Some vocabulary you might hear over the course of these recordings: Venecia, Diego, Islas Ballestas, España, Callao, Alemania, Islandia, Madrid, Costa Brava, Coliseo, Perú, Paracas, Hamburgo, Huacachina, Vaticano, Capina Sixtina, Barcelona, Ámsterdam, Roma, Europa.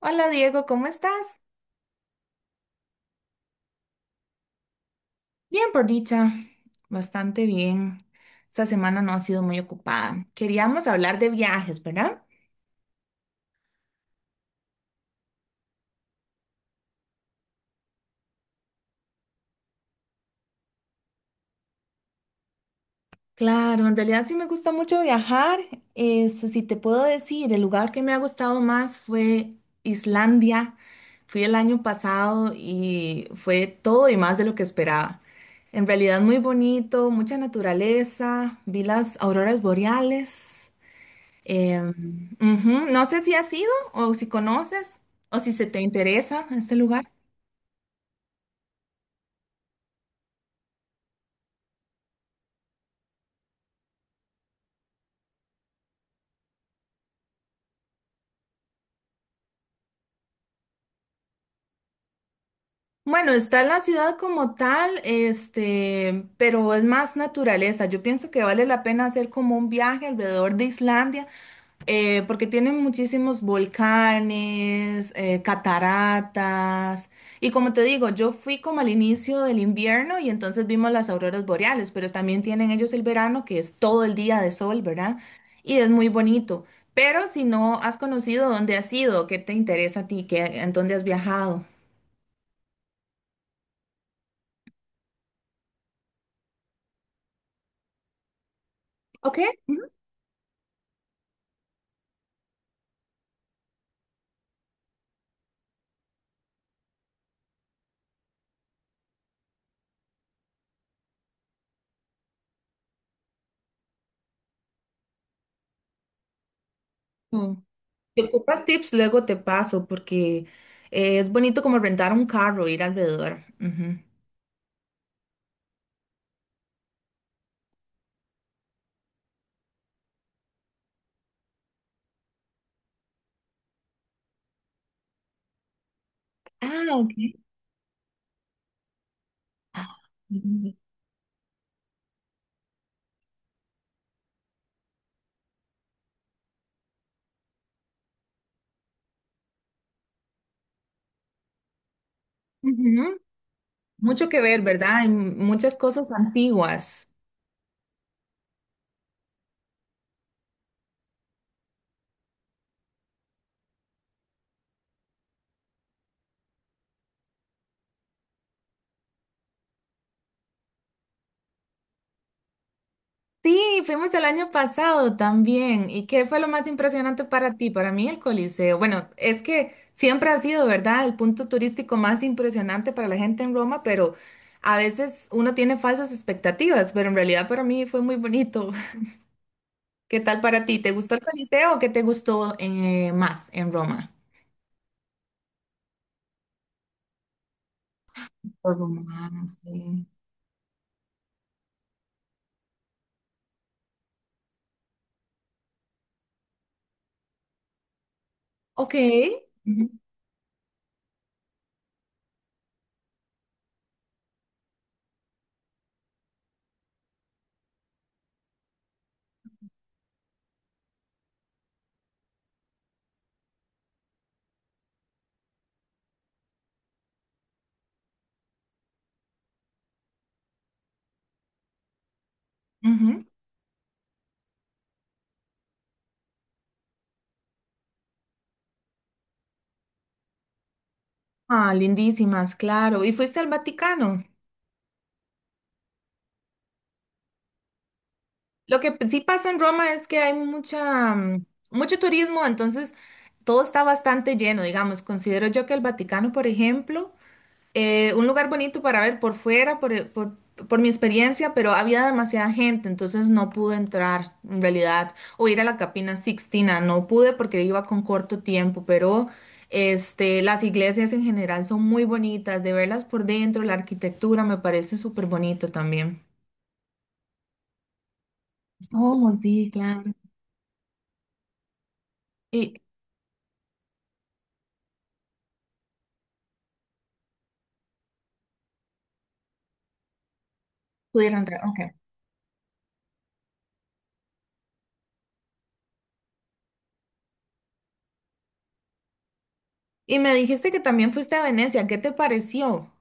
Hola Diego, ¿cómo estás? Bien, por dicha, bastante bien. Esta semana no ha sido muy ocupada. Queríamos hablar de viajes, ¿verdad? Claro, en realidad sí me gusta mucho viajar. Este, si te puedo decir, el lugar que me ha gustado más fue Islandia. Fui el año pasado y fue todo y más de lo que esperaba. En realidad muy bonito, mucha naturaleza, vi las auroras boreales. Eh, ujú, no sé si has ido o si conoces o si se te interesa ese lugar. Bueno, está la ciudad como tal, este, pero es más naturaleza. Yo pienso que vale la pena hacer como un viaje alrededor de Islandia, porque tienen muchísimos volcanes, cataratas. Y como te digo, yo fui como al inicio del invierno y entonces vimos las auroras boreales, pero también tienen ellos el verano, que es todo el día de sol, ¿verdad? Y es muy bonito. Pero si no has conocido dónde has ido, qué te interesa a ti, qué, en dónde has viajado. Ok. Si ocupas tips, luego te paso, porque es bonito como rentar un carro, ir alrededor. Ujú. Ah, ok. Mm. Ujú. Mucho que ver, ¿verdad? Hay muchas cosas antiguas. Sí, fuimos el año pasado también. ¿Y qué fue lo más impresionante para ti? Para mí el Coliseo. Bueno, es que siempre ha sido, ¿verdad? El punto turístico más impresionante para la gente en Roma, pero a veces uno tiene falsas expectativas, pero en realidad para mí fue muy bonito. ¿Qué tal para ti? ¿Te gustó el Coliseo o qué te gustó más en Roma? Los romanos, sí. Ok. Ujú, ujú. Ah, lindísimas, claro. ¿Y fuiste al Vaticano? Lo que sí pasa en Roma es que hay mucha, mucho turismo, entonces todo está bastante lleno, digamos. Considero yo que el Vaticano, por ejemplo, un lugar bonito para ver por fuera, por, por mi experiencia, pero había demasiada gente, entonces no pude entrar en realidad o ir a la Capina Sixtina, no pude porque iba con corto tiempo, pero este, las iglesias en general son muy bonitas, de verlas por dentro, la arquitectura me parece súper bonito también. Oh, sí, claro. Y pudieron entrar, ok. Y me dijiste que también fuiste a Venecia, ¿qué te pareció?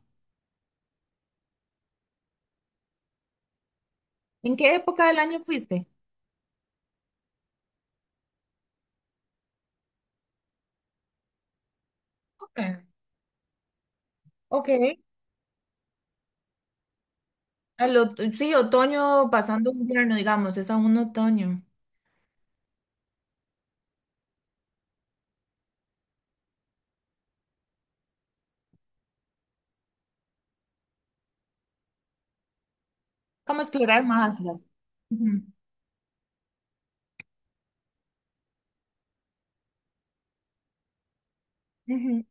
¿En qué época del año fuiste? Ok. Ok. Sí, otoño pasando invierno, digamos, es aún otoño. Vamos a explorar más las- Ujú. Ujú.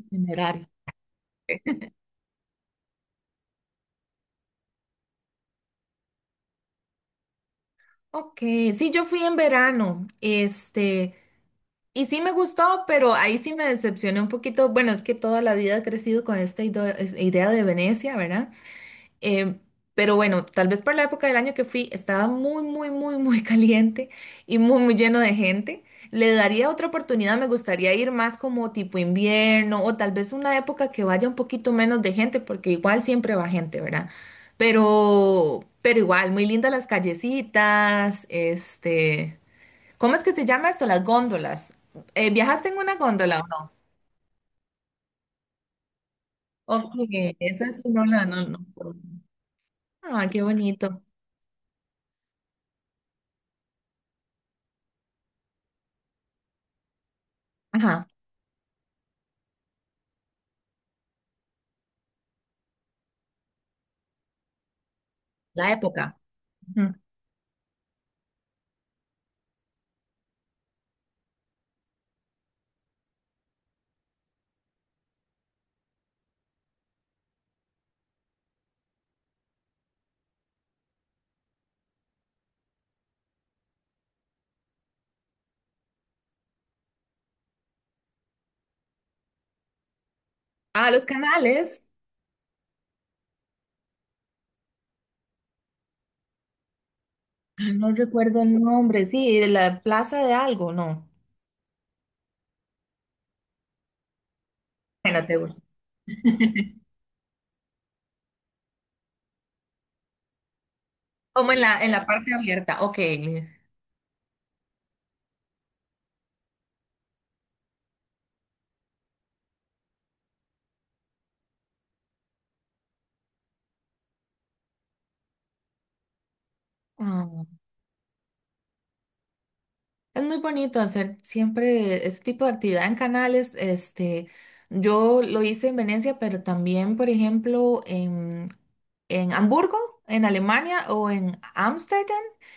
Itinerario. Ok, sí, yo fui en verano, este, y sí me gustó, pero ahí sí me decepcioné un poquito. Bueno, es que toda la vida he crecido con esta idea de Venecia, ¿verdad? Eh, pero bueno, tal vez por la época del año que fui, estaba muy caliente y muy lleno de gente. Le daría otra oportunidad, me gustaría ir más como tipo invierno o tal vez una época que vaya un poquito menos de gente, porque igual siempre va gente, ¿verdad? Pero igual, muy lindas las callecitas, este, ¿cómo es que se llama esto? Las góndolas. ¿Viajaste en una góndola o no? Ok, esa sí no la, no, no. Ah, qué bonito. Ajá, la época. Ah, los canales. Ah, no recuerdo el nombre. Sí, de la plaza de algo, no. En la Tegus. Como en la parte abierta. Ok. Ah. Es muy bonito hacer siempre este tipo de actividad en canales. Este, yo lo hice en Venecia, pero también, por ejemplo, en Hamburgo, en Alemania o en Ámsterdam,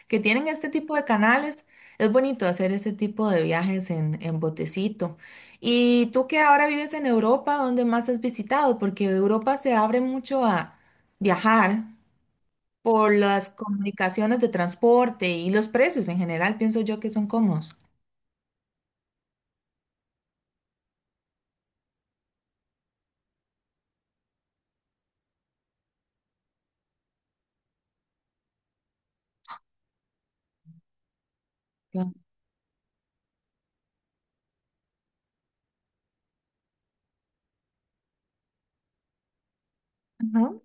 que tienen este tipo de canales. Es bonito hacer este tipo de viajes en botecito. Y tú que ahora vives en Europa, ¿dónde más has visitado? Porque Europa se abre mucho a viajar por las comunicaciones de transporte y los precios en general, pienso yo que son cómodos. Claro. Ajá,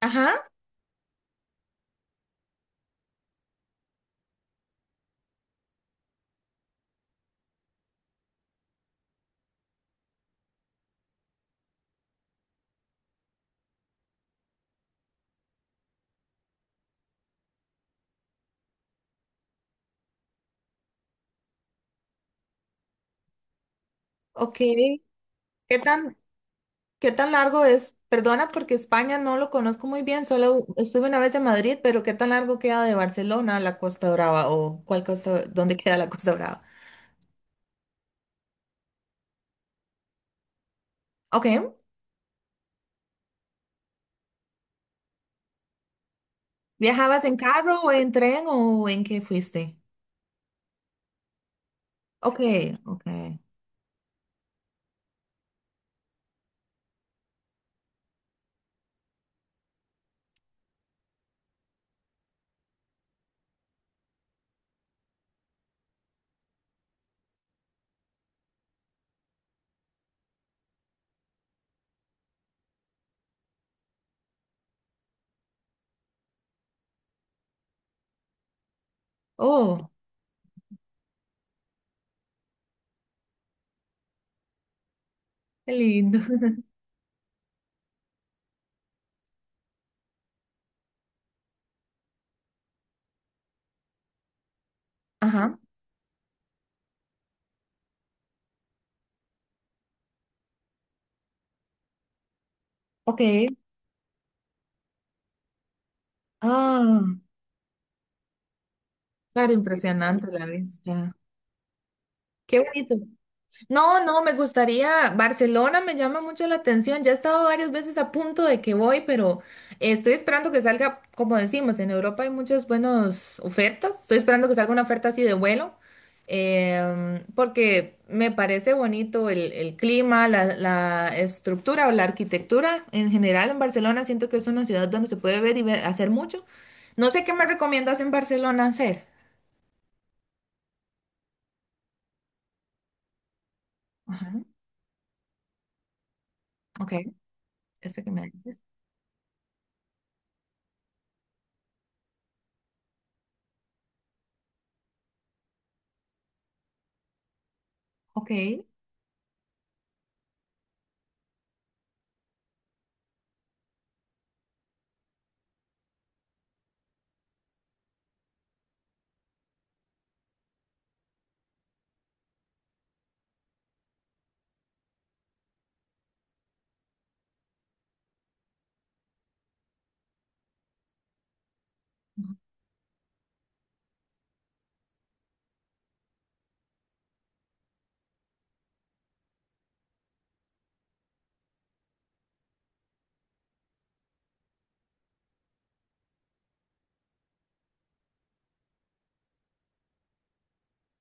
ajá, ok. ¿Qué tan, ¿qué tan largo es? Perdona porque España no lo conozco muy bien, solo estuve una vez en Madrid, pero ¿qué tan largo queda de Barcelona a la Costa Brava o cuál costa, dónde queda la Costa Brava? Ok. ¿Viajabas en carro o en tren o en qué fuiste? Ok, ok. Oh, qué lindo. Ajá, ok. Ah, claro, impresionante la vista. Qué bonito. No, no, me gustaría. Barcelona me llama mucho la atención. Ya he estado varias veces a punto de que voy, pero estoy esperando que salga, como decimos, en Europa hay muchas buenas ofertas. Estoy esperando que salga una oferta así de vuelo, porque me parece bonito el clima, la estructura o la arquitectura en general en Barcelona. Siento que es una ciudad donde se puede ver y hacer mucho. No sé qué me recomiendas en Barcelona hacer. Ajá, ok, este que me dices. Ok.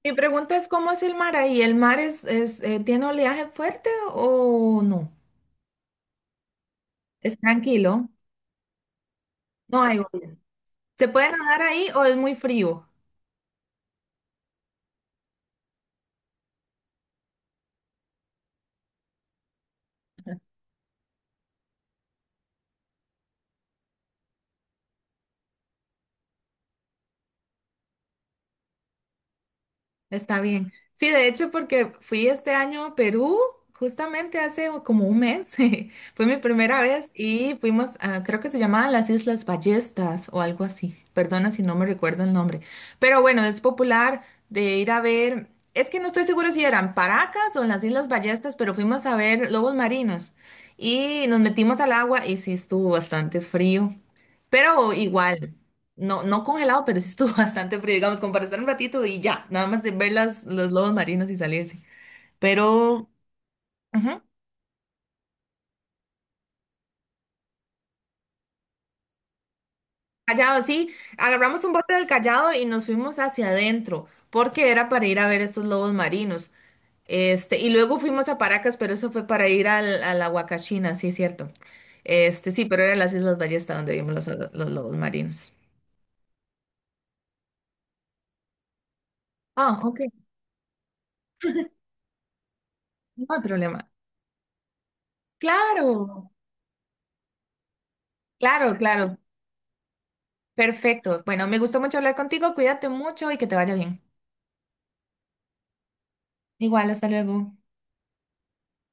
Mi pregunta es, ¿cómo es el mar ahí? ¿El mar tiene oleaje fuerte o no? ¿Es tranquilo? No hay oleaje. ¿Se puede nadar ahí o es muy frío? Está bien. Sí, de hecho, porque fui este año a Perú, justamente hace como un mes, fue mi primera vez y fuimos a, creo que se llamaban las Islas Ballestas o algo así. Perdona si no me recuerdo el nombre. Pero bueno, es popular de ir a ver, es que no estoy seguro si eran Paracas o las Islas Ballestas, pero fuimos a ver lobos marinos y nos metimos al agua y sí estuvo bastante frío, pero sí. Igual. No, no congelado, pero sí estuvo bastante frío, digamos, como para estar un ratito y ya, nada más de ver los lobos marinos y salirse. Pero, ujú, Callao, sí, agarramos un bote del Callao y nos fuimos hacia adentro, porque era para ir a ver estos lobos marinos. Este, y luego fuimos a Paracas, pero eso fue para ir a la Huacachina, sí es cierto. Este, sí, pero eran las Islas Ballesta donde vimos los lobos marinos. Ah, ok, no hay problema. Claro, claro, claro. Perfecto. Bueno, me gustó mucho hablar contigo. Cuídate mucho y que te vaya bien. Igual, hasta luego.